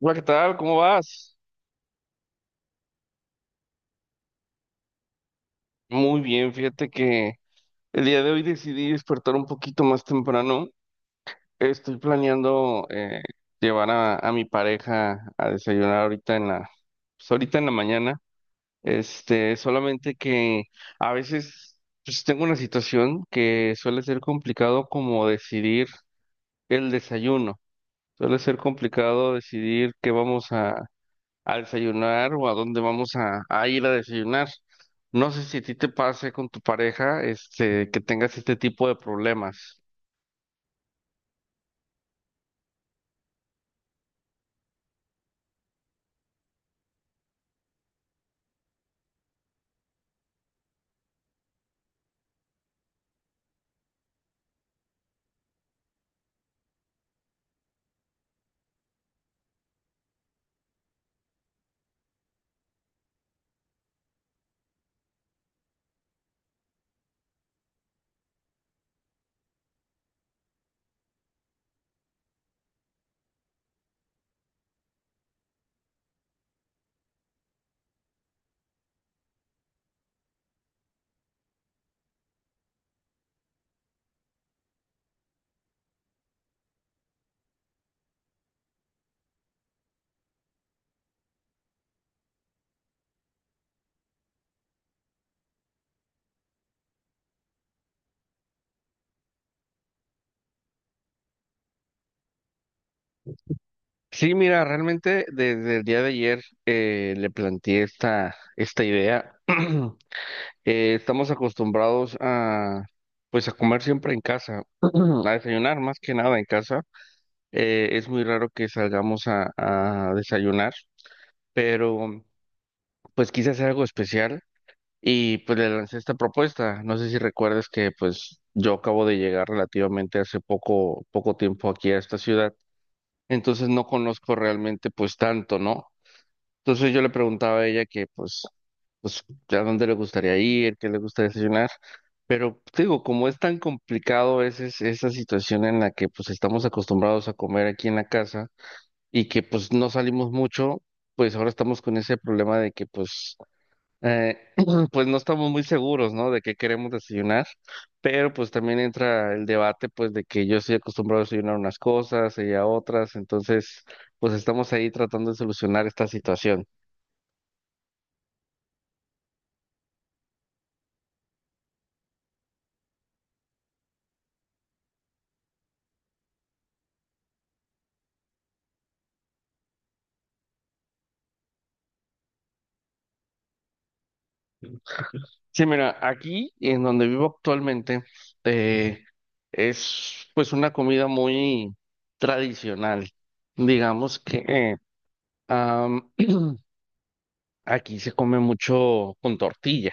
Hola, ¿qué tal? ¿Cómo vas? Muy bien, fíjate que el día de hoy decidí despertar un poquito más temprano. Estoy planeando llevar a mi pareja a desayunar ahorita en pues, ahorita en la mañana. Este, solamente que a veces pues, tengo una situación que suele ser complicado como decidir el desayuno. Suele ser complicado decidir qué vamos a desayunar o a dónde vamos a ir a desayunar. No sé si a ti te pase con tu pareja, este, que tengas este tipo de problemas. Sí, mira, realmente desde el día de ayer le planteé esta idea. Estamos acostumbrados pues, a comer siempre en casa, a desayunar más que nada en casa. Es muy raro que salgamos a desayunar, pero pues quise hacer algo especial. Y pues le lancé esta propuesta. No sé si recuerdas que pues yo acabo de llegar relativamente hace poco, poco tiempo aquí a esta ciudad, entonces no conozco realmente pues tanto, ¿no? Entonces yo le preguntaba a ella pues a dónde le gustaría ir, qué le gusta desayunar, pero te digo, como es tan complicado a veces esa situación en la que pues estamos acostumbrados a comer aquí en la casa y que pues no salimos mucho, pues ahora estamos con ese problema de que pues eh, pues no estamos muy seguros, ¿no? De qué queremos desayunar, pero pues también entra el debate, pues de que yo estoy acostumbrado a desayunar unas cosas, ella otras, entonces, pues estamos ahí tratando de solucionar esta situación. Sí, mira, aquí en donde vivo actualmente, eh, es pues una comida muy tradicional. Digamos que am, aquí se come mucho con tortilla.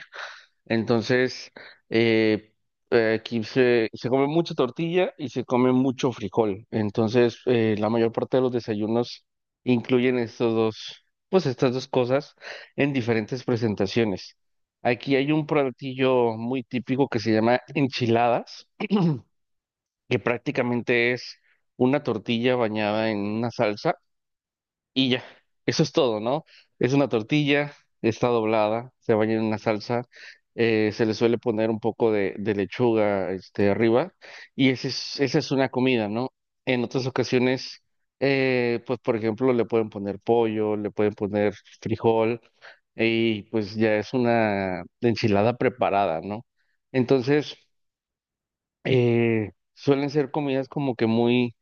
Entonces, eh, aquí se come mucha tortilla y se come mucho frijol. Entonces, la mayor parte de los desayunos incluyen estos dos, pues estas dos cosas en diferentes presentaciones. Aquí hay un platillo muy típico que se llama enchiladas, que prácticamente es una tortilla bañada en una salsa y ya, eso es todo, ¿no? Es una tortilla, está doblada, se baña en una salsa, se le suele poner un poco de lechuga, este, arriba, y esa es una comida, ¿no? En otras ocasiones, pues por ejemplo, le pueden poner pollo, le pueden poner frijol, y pues ya es una enchilada preparada, ¿no? Entonces, suelen ser comidas como que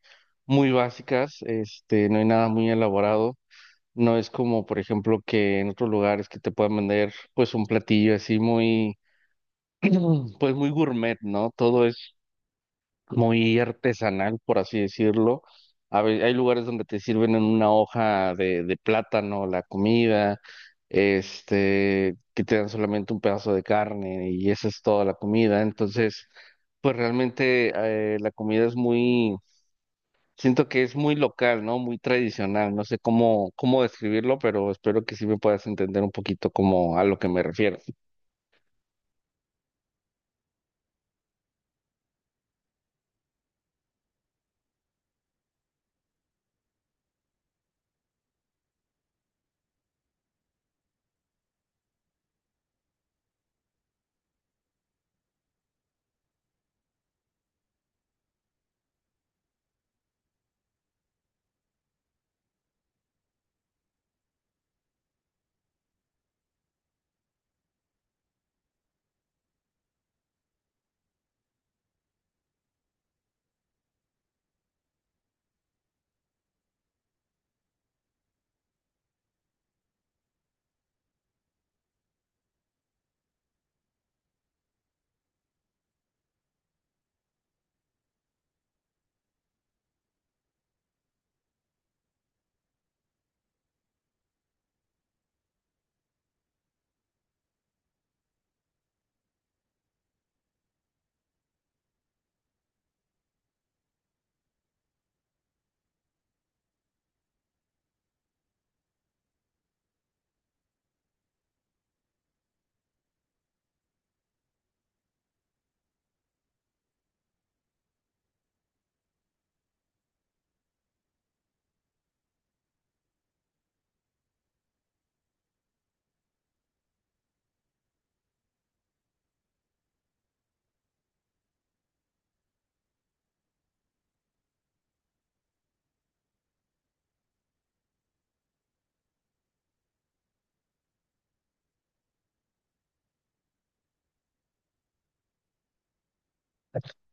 muy básicas, este, no hay nada muy elaborado. No es como, por ejemplo, que en otros lugares que te puedan vender pues un platillo así pues muy gourmet, ¿no? Todo es muy artesanal, por así decirlo. Hay lugares donde te sirven en una hoja de plátano la comida, este, que te dan solamente un pedazo de carne y esa es toda la comida. Entonces, pues realmente la comida es muy. Siento que es muy local, ¿no? Muy tradicional. No sé cómo describirlo, pero espero que sí me puedas entender un poquito como a lo que me refiero.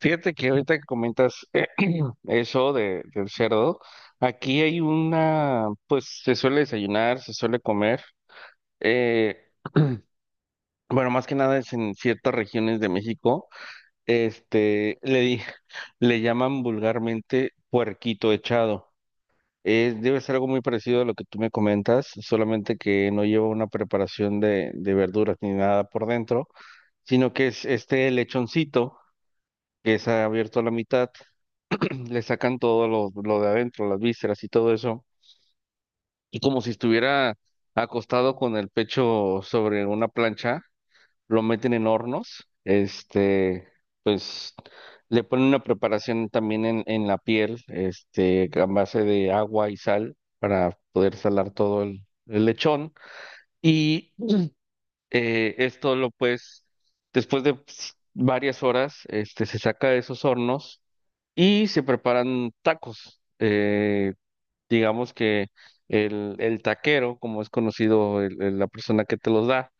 Fíjate que ahorita que comentas eso del cerdo, aquí hay una, pues se suele desayunar, se suele comer. eh, bueno, más que nada es en ciertas regiones de México. Este, le, di- Le llaman vulgarmente puerquito echado. Debe ser algo muy parecido a lo que tú me comentas, solamente que no lleva una preparación de verduras ni nada por dentro, sino que es este lechoncito que es abierto a la mitad, le sacan todo lo de adentro, las vísceras y todo eso, y como si estuviera acostado con el pecho sobre una plancha lo meten en hornos, este, pues le ponen una preparación también en la piel, este, a base de agua y sal para poder salar todo el lechón. Y esto lo pues, después de pues, varias horas, este, se saca de esos hornos y se preparan tacos. Digamos que el taquero, como es conocido la persona que te los da,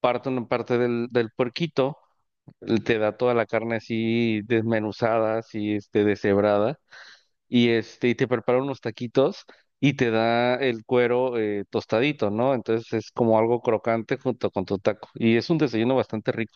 parten parte del puerquito, te da toda la carne así desmenuzada, así este, deshebrada, y este, y te prepara unos taquitos y te da el cuero tostadito, ¿no? Entonces es como algo crocante junto con tu taco. Y es un desayuno bastante rico.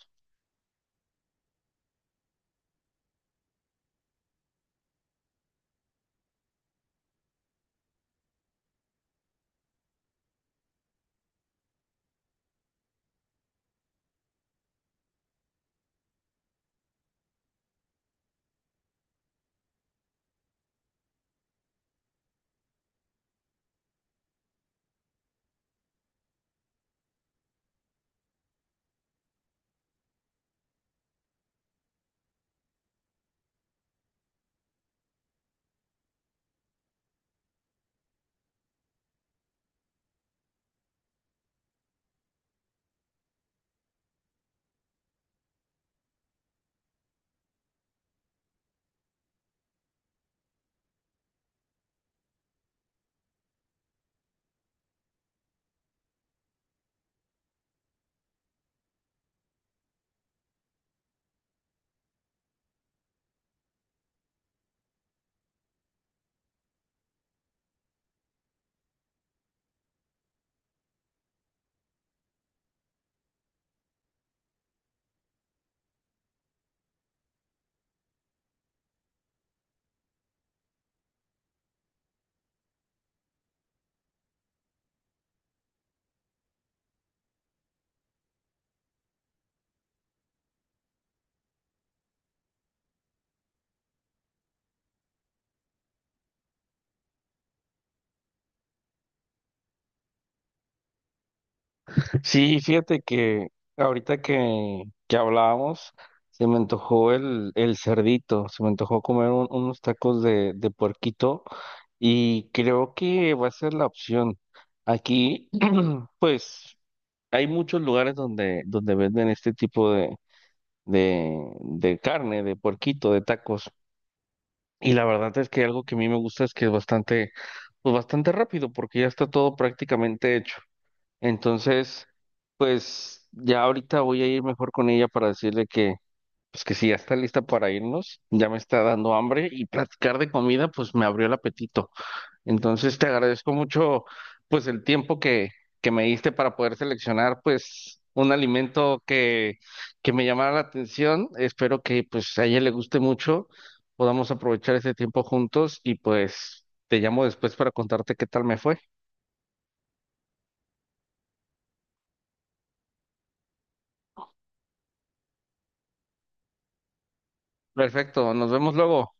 Sí, fíjate que ahorita que hablábamos, se me antojó el cerdito, se me antojó comer unos tacos de puerquito, y creo que va a ser la opción. Aquí, pues. Hay muchos lugares donde, donde venden este tipo de carne, de puerquito, de tacos. Y la verdad es que algo que a mí me gusta es que es bastante, pues bastante rápido, porque ya está todo prácticamente hecho. Entonces, pues ya ahorita voy a ir mejor con ella para decirle que, pues que si ya está lista para irnos, ya me está dando hambre y platicar de comida, pues me abrió el apetito. Entonces te agradezco mucho pues el tiempo que me diste para poder seleccionar pues un alimento que me llamara la atención. Espero que pues a ella le guste mucho, podamos aprovechar ese tiempo juntos y pues te llamo después para contarte qué tal me fue. Perfecto, nos vemos luego.